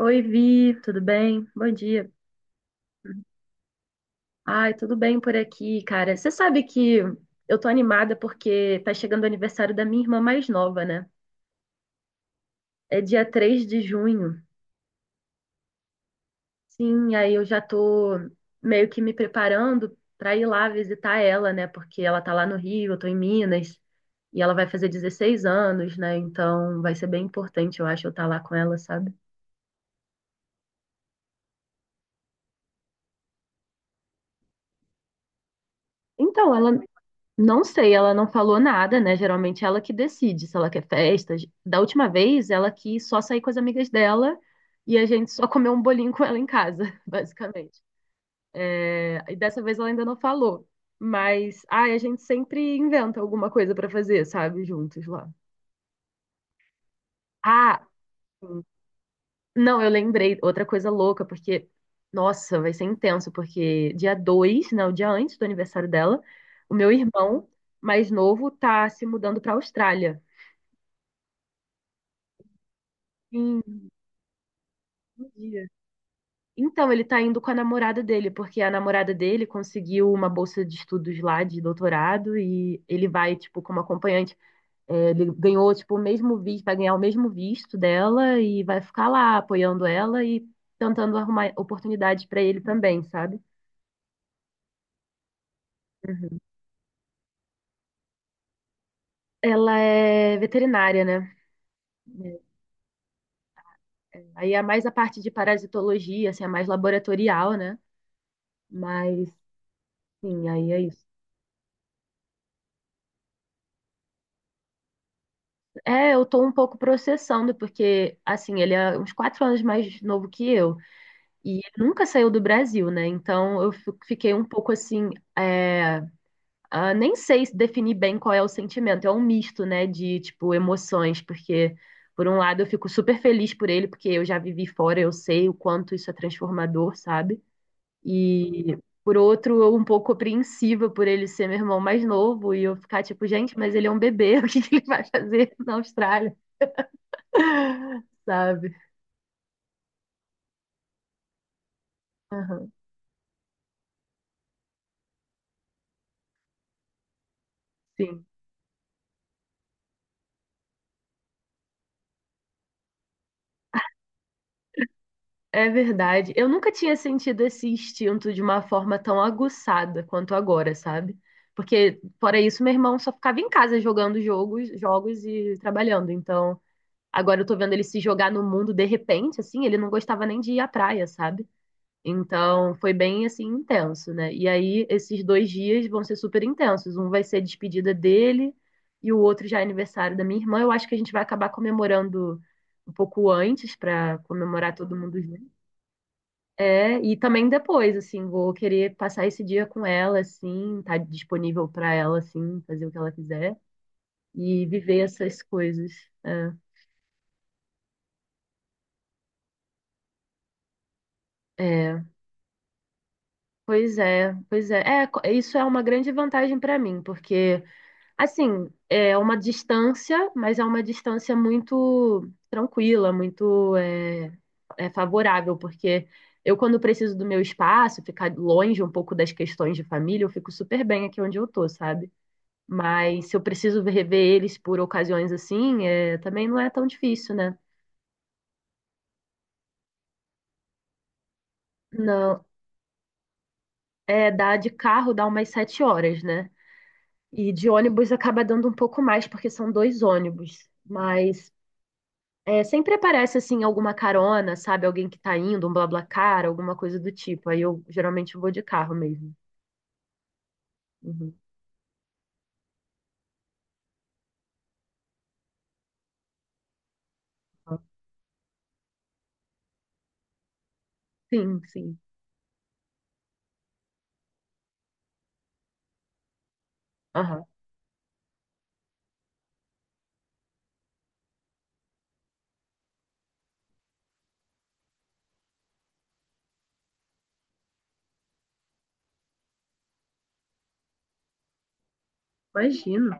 Oi, Vi, tudo bem? Bom dia. Ai, tudo bem por aqui, cara. Você sabe que eu tô animada porque tá chegando o aniversário da minha irmã mais nova, né? É dia 3 de junho. Sim, aí eu já tô meio que me preparando pra ir lá visitar ela, né? Porque ela tá lá no Rio, eu tô em Minas, e ela vai fazer 16 anos, né? Então vai ser bem importante, eu acho, eu estar lá com ela, sabe? Então, ela, Não sei, ela não falou nada, né? Geralmente ela que decide se ela quer festa. Da última vez, ela quis só sair com as amigas dela e a gente só comeu um bolinho com ela em casa, basicamente. É, e dessa vez ela ainda não falou. Mas, ai, a gente sempre inventa alguma coisa pra fazer, sabe? Juntos lá. Ah, sim. Não, eu lembrei outra coisa louca, porque, nossa, vai ser intenso, porque dia 2, né, o dia antes do aniversário dela, o meu irmão mais novo tá se mudando pra Austrália. Sim, um dia. Então, ele tá indo com a namorada dele, porque a namorada dele conseguiu uma bolsa de estudos lá, de doutorado, e ele vai, tipo, como acompanhante. É, ele ganhou, tipo, o mesmo visto, vai ganhar o mesmo visto dela e vai ficar lá apoiando ela e tentando arrumar oportunidades pra ele também, sabe? Uhum. Ela é veterinária, né? É, é. Aí é mais a parte de parasitologia, assim, é mais laboratorial, né? Mas, sim, aí é isso. É, eu tô um pouco processando, porque, assim, ele é uns 4 anos mais novo que eu, e ele nunca saiu do Brasil, né? Então eu fiquei um pouco assim, é, nem sei se definir bem qual é o sentimento, é um misto, né, de, tipo, emoções, porque, por um lado, eu fico super feliz por ele, porque eu já vivi fora, eu sei o quanto isso é transformador, sabe? E, por outro, eu um pouco apreensiva por ele ser meu irmão mais novo, e eu ficar tipo, gente, mas ele é um bebê, o que que ele vai fazer na Austrália? Sabe? Aham, sim, é verdade. Eu nunca tinha sentido esse instinto de uma forma tão aguçada quanto agora, sabe? Porque, fora isso, meu irmão só ficava em casa jogando jogos, jogos e trabalhando. Então, agora eu tô vendo ele se jogar no mundo de repente, assim, ele não gostava nem de ir à praia, sabe? Então, foi bem assim intenso, né? E aí, esses 2 dias vão ser super intensos. Um vai ser a despedida dele e o outro já é aniversário da minha irmã. Eu acho que a gente vai acabar comemorando um pouco antes para comemorar todo mundo junto. É, e também depois, assim, vou querer passar esse dia com ela, assim, estar disponível para ela, assim, fazer o que ela quiser e viver essas coisas. É, é, pois é, pois é. É, isso é uma grande vantagem para mim, porque assim, é uma distância, mas é uma distância muito tranquila, muito favorável, porque eu, quando preciso do meu espaço, ficar longe um pouco das questões de família, eu fico super bem aqui onde eu tô, sabe? Mas se eu preciso rever eles por ocasiões assim, é, também não é tão difícil, né? Não, é, dá de carro dá umas 7 horas, né? E de ônibus acaba dando um pouco mais, porque são 2 ônibus. Mas é, sempre aparece assim alguma carona, sabe? Alguém que tá indo, um BlaBlaCar, alguma coisa do tipo. Aí eu geralmente vou de carro mesmo. Uhum. Sim, sim. Aham. Imagino.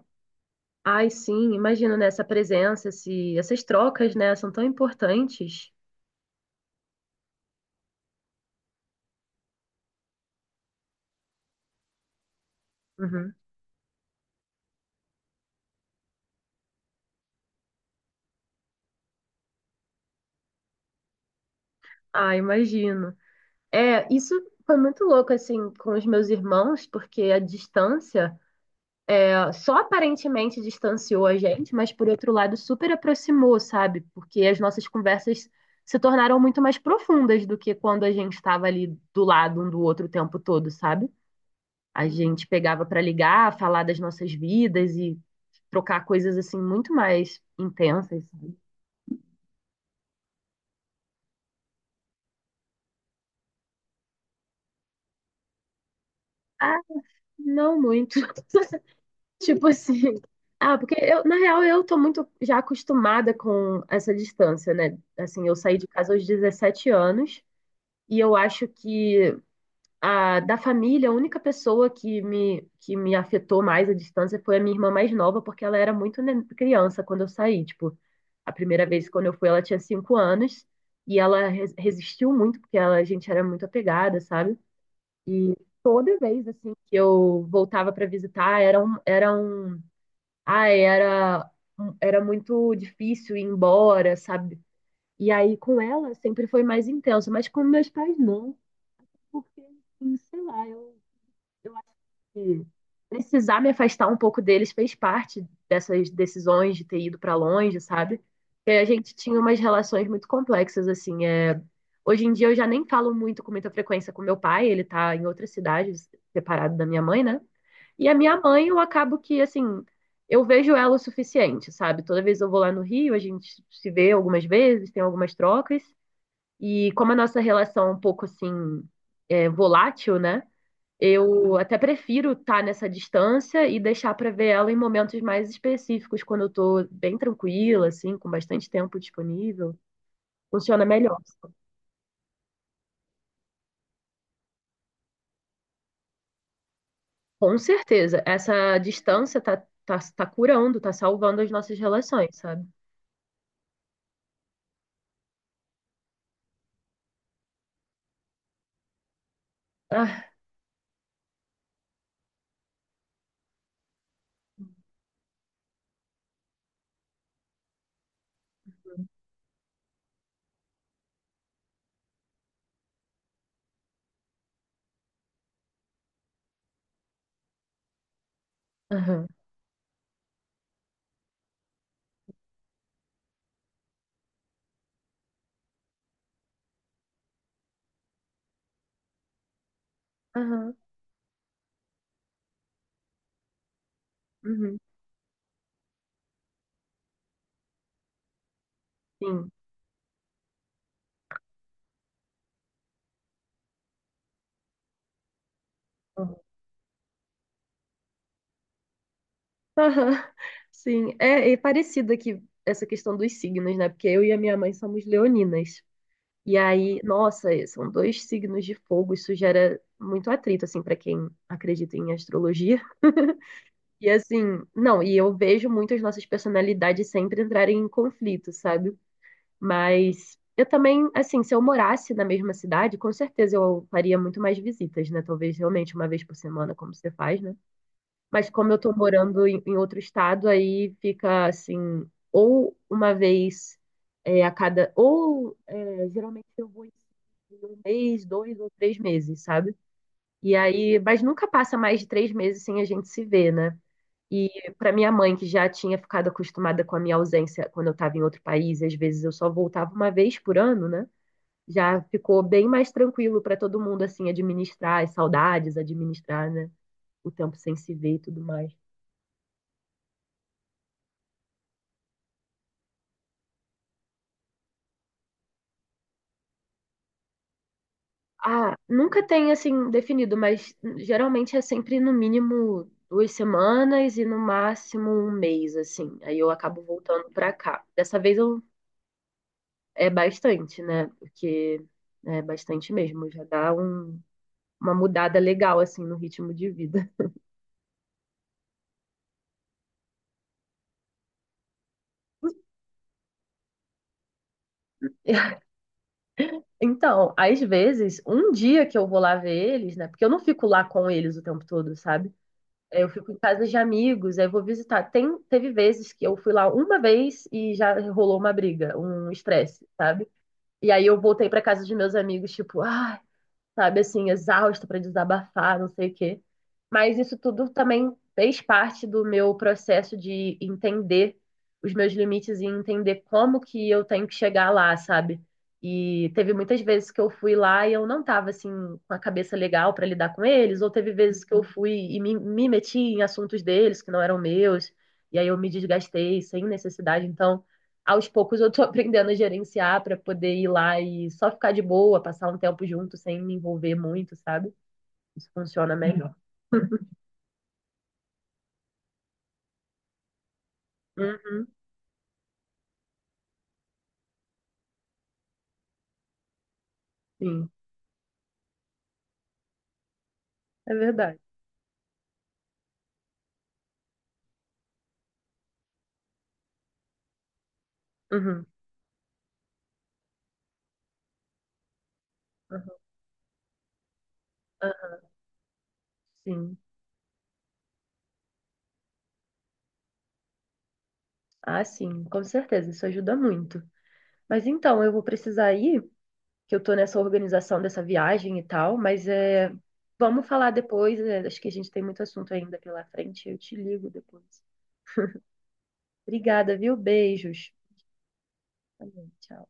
Ai, sim, imagino nessa presença, esse, essas trocas, né, são tão importantes. Uhum. Ah, imagino. É, isso foi muito louco assim com os meus irmãos, porque a distância ah, só aparentemente distanciou a gente, mas por outro lado super aproximou, sabe? Porque as nossas conversas se tornaram muito mais profundas do que quando a gente estava ali do lado um do outro o tempo todo, sabe? A gente pegava para ligar, falar das nossas vidas e trocar coisas assim muito mais intensas, sabe? Ah, não muito. Tipo assim, ah, porque eu, na real, eu tô muito já acostumada com essa distância, né? Assim, eu saí de casa aos 17 anos. E eu acho que a, da família, a única pessoa que que me afetou mais à distância foi a minha irmã mais nova, porque ela era muito criança quando eu saí. Tipo, a primeira vez quando eu fui, ela tinha 5 anos e ela resistiu muito, porque ela, a gente era muito apegada, sabe? E toda vez assim que eu voltava para visitar, era um, ai, era, um- era muito difícil ir embora, sabe? E aí com ela sempre foi mais intenso, mas com meus pais não. Porque, assim, sei lá, eu acho que precisar me afastar um pouco deles fez parte dessas decisões de ter ido para longe, sabe? Porque a gente tinha umas relações muito complexas, assim. É... Hoje em dia eu já nem falo muito com muita frequência com meu pai, ele tá em outra cidade, separado da minha mãe, né? E a minha mãe, eu acabo que, assim, eu vejo ela o suficiente, sabe? Toda vez eu vou lá no Rio, a gente se vê algumas vezes, tem algumas trocas, e como a nossa relação é um pouco assim é, volátil, né? Eu até prefiro estar nessa distância e deixar para ver ela em momentos mais específicos, quando eu tô bem tranquila, assim, com bastante tempo disponível. Funciona melhor. Com certeza, essa distância tá curando, tá salvando as nossas relações, sabe? Ah, aham, aham, uhum, sim. Aham, sim, é, é parecido aqui essa questão dos signos, né? Porque eu e a minha mãe somos leoninas. E aí, nossa, é, são dois signos de fogo, isso gera muito atrito, assim, para quem acredita em astrologia. E assim, não, e eu vejo muito as nossas personalidades sempre entrarem em conflito, sabe? Mas eu também, assim, se eu morasse na mesma cidade, com certeza eu faria muito mais visitas, né? Talvez realmente uma vez por semana, como você faz, né? Mas como eu tô morando em outro estado, aí fica assim, ou uma vez é, a cada, ou é, geralmente eu vou em um mês, dois ou três meses, sabe? E aí, mas nunca passa mais de 3 meses sem a gente se ver, né? E para minha mãe, que já tinha ficado acostumada com a minha ausência quando eu estava em outro país, às vezes eu só voltava uma vez por ano, né? Já ficou bem mais tranquilo para todo mundo, assim, administrar as saudades, administrar, né? O tempo sem se ver e tudo mais. Ah, nunca tem assim definido, mas geralmente é sempre no mínimo 2 semanas e no máximo um mês, assim. Aí eu acabo voltando pra cá. Dessa vez eu é bastante, né? Porque né, é bastante mesmo, já dá um- uma mudada legal assim no ritmo de vida. Então, às vezes, um dia que eu vou lá ver eles, né? Porque eu não fico lá com eles o tempo todo, sabe? É, eu fico em casa de amigos, aí eu vou visitar. Tem, teve vezes que eu fui lá uma vez e já rolou uma briga, um estresse, sabe? E aí eu voltei para casa de meus amigos, tipo, ah, sabe, assim, exausta para desabafar, não sei o quê. Mas isso tudo também fez parte do meu processo de entender os meus limites e entender como que eu tenho que chegar lá, sabe? E teve muitas vezes que eu fui lá e eu não tava assim com a cabeça legal para lidar com eles, ou teve vezes que eu fui e me meti em assuntos deles que não eram meus, e aí eu me desgastei sem necessidade. Então, aos poucos eu tô aprendendo a gerenciar pra poder ir lá e só ficar de boa, passar um tempo junto sem me envolver muito, sabe? Isso funciona melhor. Uhum, sim, é verdade. Uhum, uhum, ah, sim. Ah, sim, com certeza, isso ajuda muito. Mas então, eu vou precisar ir, que eu tô nessa organização dessa viagem e tal, mas é, vamos falar depois, é, acho que a gente tem muito assunto ainda pela frente, eu te ligo depois. Obrigada, viu? Beijos. Tá bom, tchau.